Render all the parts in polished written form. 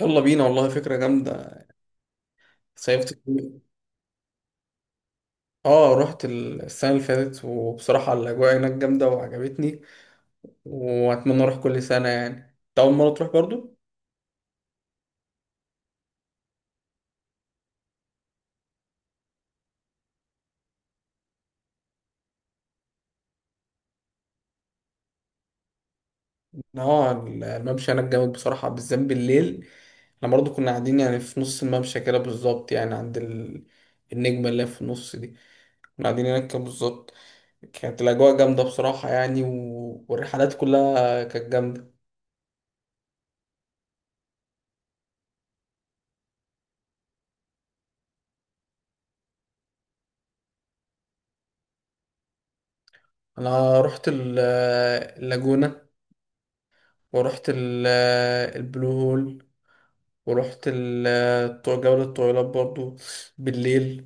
يلا بينا، والله فكرة جامدة. صيفت كتير. اه، رحت السنة اللي فاتت، وبصراحة الأجواء هناك جامدة وعجبتني. وأتمنى أروح كل سنة يعني. أنت أول مرة تروح برضو؟ اه، الممشى هناك جامد بصراحة، بالذات بالليل. احنا برضو كنا قاعدين يعني في نص الممشى كده بالظبط، يعني عند النجمة اللي هي في النص دي. كنا قاعدين هناك كده بالظبط. كانت الأجواء جامدة بصراحة يعني، والرحلات كلها كانت جامدة. أنا رحت اللاجونة. ورحت البلو هول. ورحت جولة الطويلات برضو بالليل.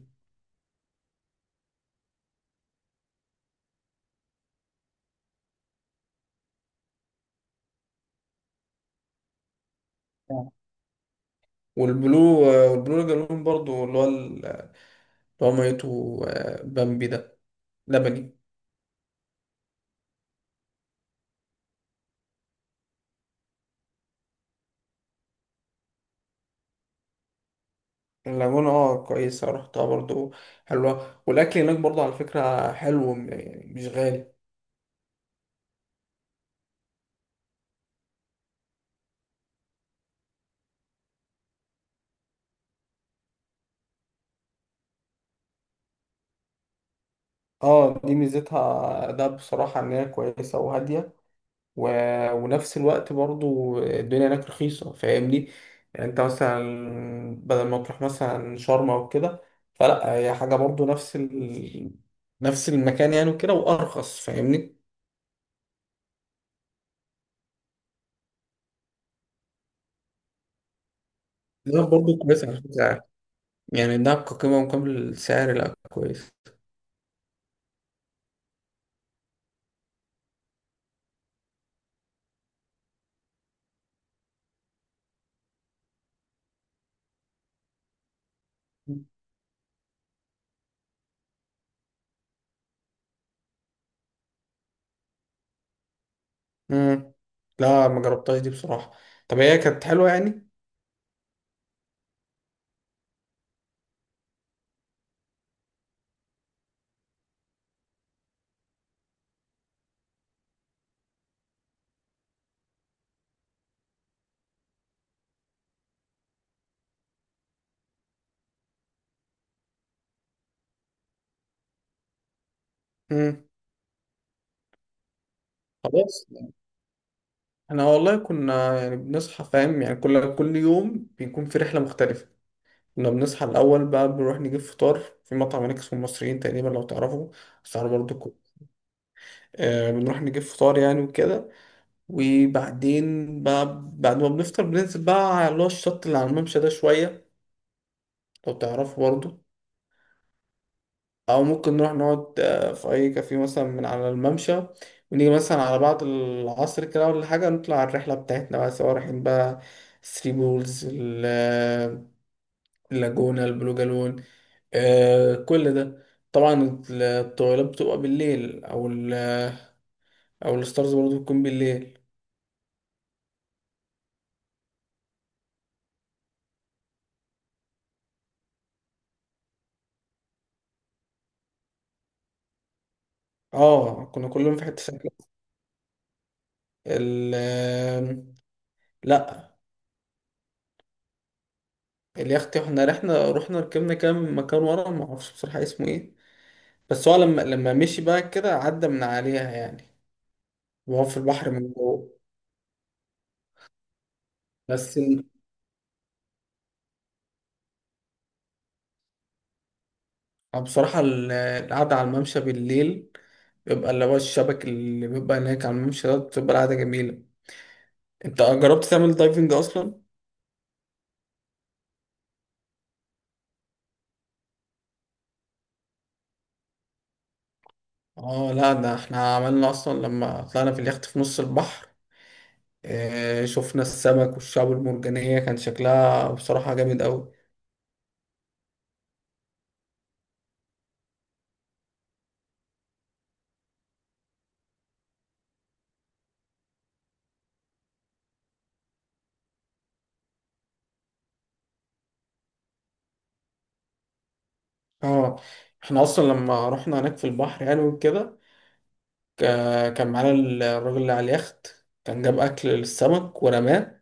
آه. والبلو والبلو لاجون برضو، اللي هو ميته بامبي ده، لبني. اللاجونة، اه، كويسة، رحتها برضو. حلوة. والأكل هناك برضو على فكرة حلو، يعني مش غالي. اه، دي ميزتها ده بصراحة إن هي كويسة وهادية. و... ونفس الوقت برضو الدنيا هناك رخيصة، فاهمني. يعني انت مثلا بدل ما تروح مثلا شرم او كده، فلا هي حاجة برضو، نفس المكان يعني وكده وارخص، فاهمني. دهب برضو كويسة على فكرة يعني. يعني دهب كقيمة مقابل السعر، لا كويس. مم. لا، ما جربتهاش دي بصراحة. طب هي كانت حلوة يعني؟ مم. خلاص. احنا والله كنا يعني بنصحى، فاهم يعني، كل يوم بيكون في رحلة مختلفة. كنا بنصحى الأول بقى، بنروح نجيب فطار في مطعم هناك اسمه المصريين تقريبا، لو تعرفوا. اسعاره برضه. آه، بنروح نجيب فطار يعني وكده. وبعدين بقى بعد ما بنفطر بننزل بقى على اللي هو الشط اللي على الممشى ده شوية، لو تعرفوا برضه. أو ممكن نروح نقعد في أي كافيه مثلا من على الممشى، ونيجي مثلا على بعد العصر كده ولا حاجة نطلع على الرحلة بتاعتنا بقى، سواء رايحين بقى ثري بولز، اللاجونة، البلو جالون، آه كل ده. طبعا الطويلات بتبقى بالليل، او الستارز برضو بتكون بالليل. اه، كنا كلهم في حتة ساكنة. ال آم، لا. اليخت احنا رحنا ركبنا كام مكان ورا، ما اعرفش بصراحة اسمه ايه. بس هو لما مشي بقى كده عدى من عليها يعني، وهو في البحر من جوه. بس بصراحة القعدة على الممشى بالليل، بيبقى اللي هو الشبك اللي بيبقى هناك على الممشى ده، بتبقى القعدة جميلة. انت جربت تعمل دايفنج اصلا؟ اه، لا، ده احنا عملنا اصلا لما طلعنا في اليخت في نص البحر. اه، شفنا السمك والشعب المرجانية، كان شكلها بصراحة جامد قوي. اه، احنا اصلا لما رحنا هناك في البحر يعني وكده، كان معانا الراجل اللي على اليخت. كان جاب اكل للسمك ورماه،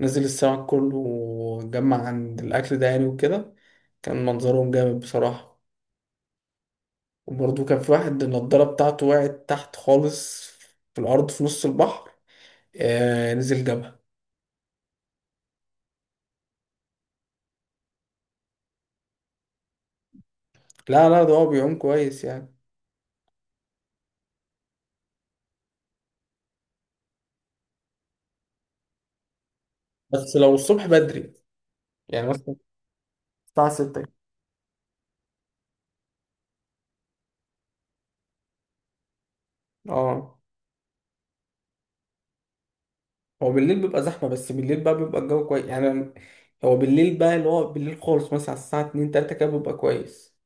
نزل السمك كله وجمع عند الاكل ده يعني وكده. كان منظرهم جامد بصراحة. وبرضه كان في واحد النضارة بتاعته وقعت تحت خالص في الأرض في نص البحر، نزل جبهة. لا، لا، ده هو بيعوم كويس يعني. بس لو الصبح بدري، يعني مثلا الساعة 6. اه، هو بالليل بيبقى زحمة، بس بالليل بقى بيبقى الجو كويس يعني. هو بالليل بقى اللي هو بالليل خالص مثلا على الساعة اتنين تلاتة كده بيبقى كويس.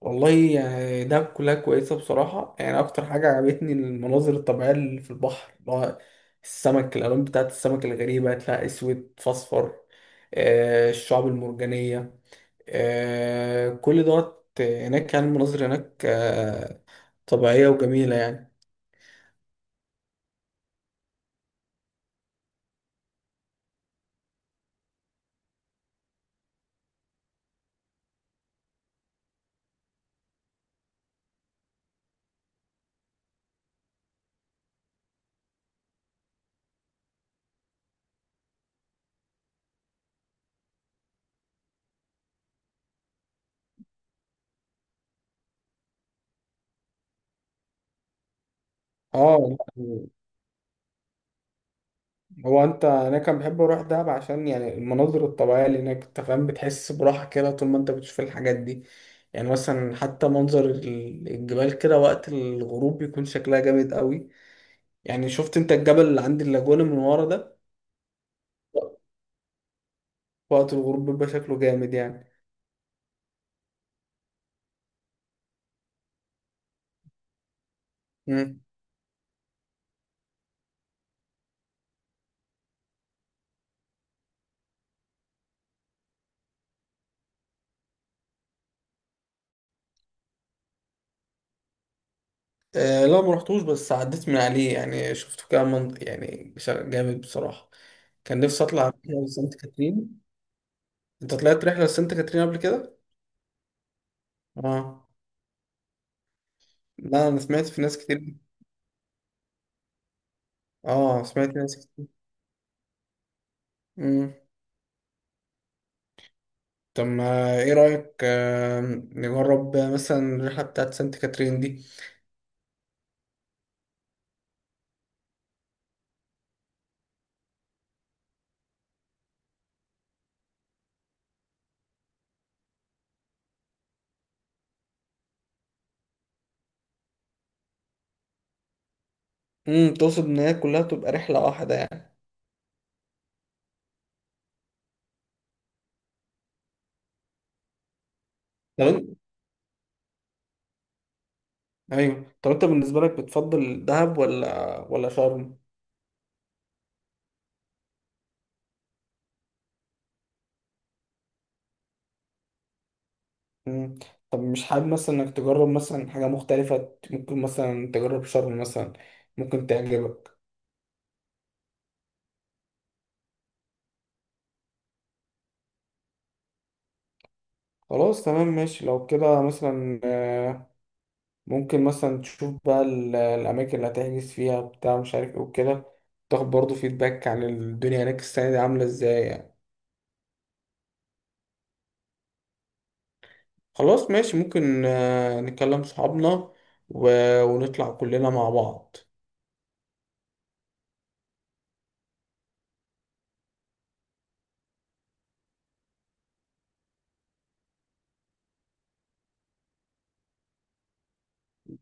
والله يعني ده كلها كويسة بصراحة يعني، أكتر حاجة عجبتني المناظر الطبيعية اللي في البحر، اللي هو السمك، الألوان بتاعت السمك الغريبة، تلاقي أسود في أصفر، الشعاب المرجانية، كل دوت هناك يعني، المناظر هناك طبيعية وجميلة يعني. اه يعني، هو انت انا كان بحب اروح دهب عشان يعني المناظر الطبيعية اللي هناك، انت فاهم، بتحس براحة كده طول ما انت بتشوف الحاجات دي. يعني مثلا حتى منظر الجبال كده وقت الغروب بيكون شكلها جامد قوي. يعني شفت انت الجبل اللي عند اللاجونة من ورا ده، وقت الغروب بيبقى شكله جامد يعني. مم. آه، لا، ما رحتوش، بس عديت من عليه يعني، شفته كده، من يعني جامد بصراحة. كان نفسي اطلع رحلة لسانت كاترين. انت طلعت رحلة لسانت كاترين قبل كده؟ اه. لا، انا سمعت في ناس كتير. اه، سمعت في ناس كتير. مم. طب ما ايه رأيك، نجرب مثلا الرحلة بتاعت سانت كاترين دي؟ امم، تقصد ان هي كلها تبقى رحلة واحدة يعني؟ طب انت. ايوه، طب انت بالنسبة لك بتفضل دهب ولا شرم؟ مم. طب مش حابب مثلا انك تجرب مثلا حاجة مختلفة؟ ممكن مثلا تجرب شرم مثلا، ممكن تعجبك. خلاص تمام ماشي. لو كده مثلا ممكن مثلا تشوف بقى الأماكن اللي هتحجز فيها بتاع، مش عارف ايه وكده. تاخد برضه فيدباك عن الدنيا هناك السنة دي عاملة ازاي يعني. خلاص ماشي. ممكن نكلم صحابنا، ونطلع كلنا مع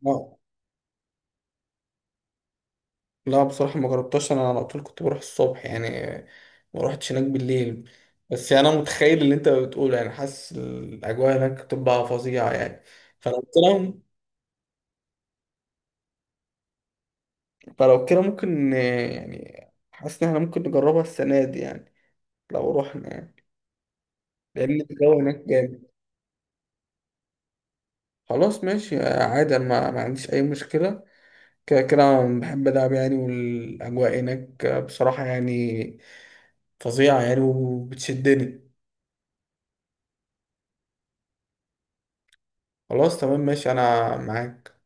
بعض. لا، بصراحة ما جربتهاش، أنا على طول كنت بروح الصبح يعني، ما روحتش هناك بالليل. بس يعني أنا متخيل اللي أنت بتقوله يعني، حاسس الأجواء هناك بتبقى فظيعة يعني. فلو كده فلو كده ممكن يعني، حاسس إن إحنا ممكن نجربها السنة دي يعني لو روحنا يعني، لأن الجو هناك جامد. خلاص ماشي عادي، أنا ما عنديش أي مشكلة. كده كده أنا بحب ألعب يعني، والأجواء هناك بصراحة يعني فظيعة يعني وبتشدني. خلاص تمام ماشي أنا معاك.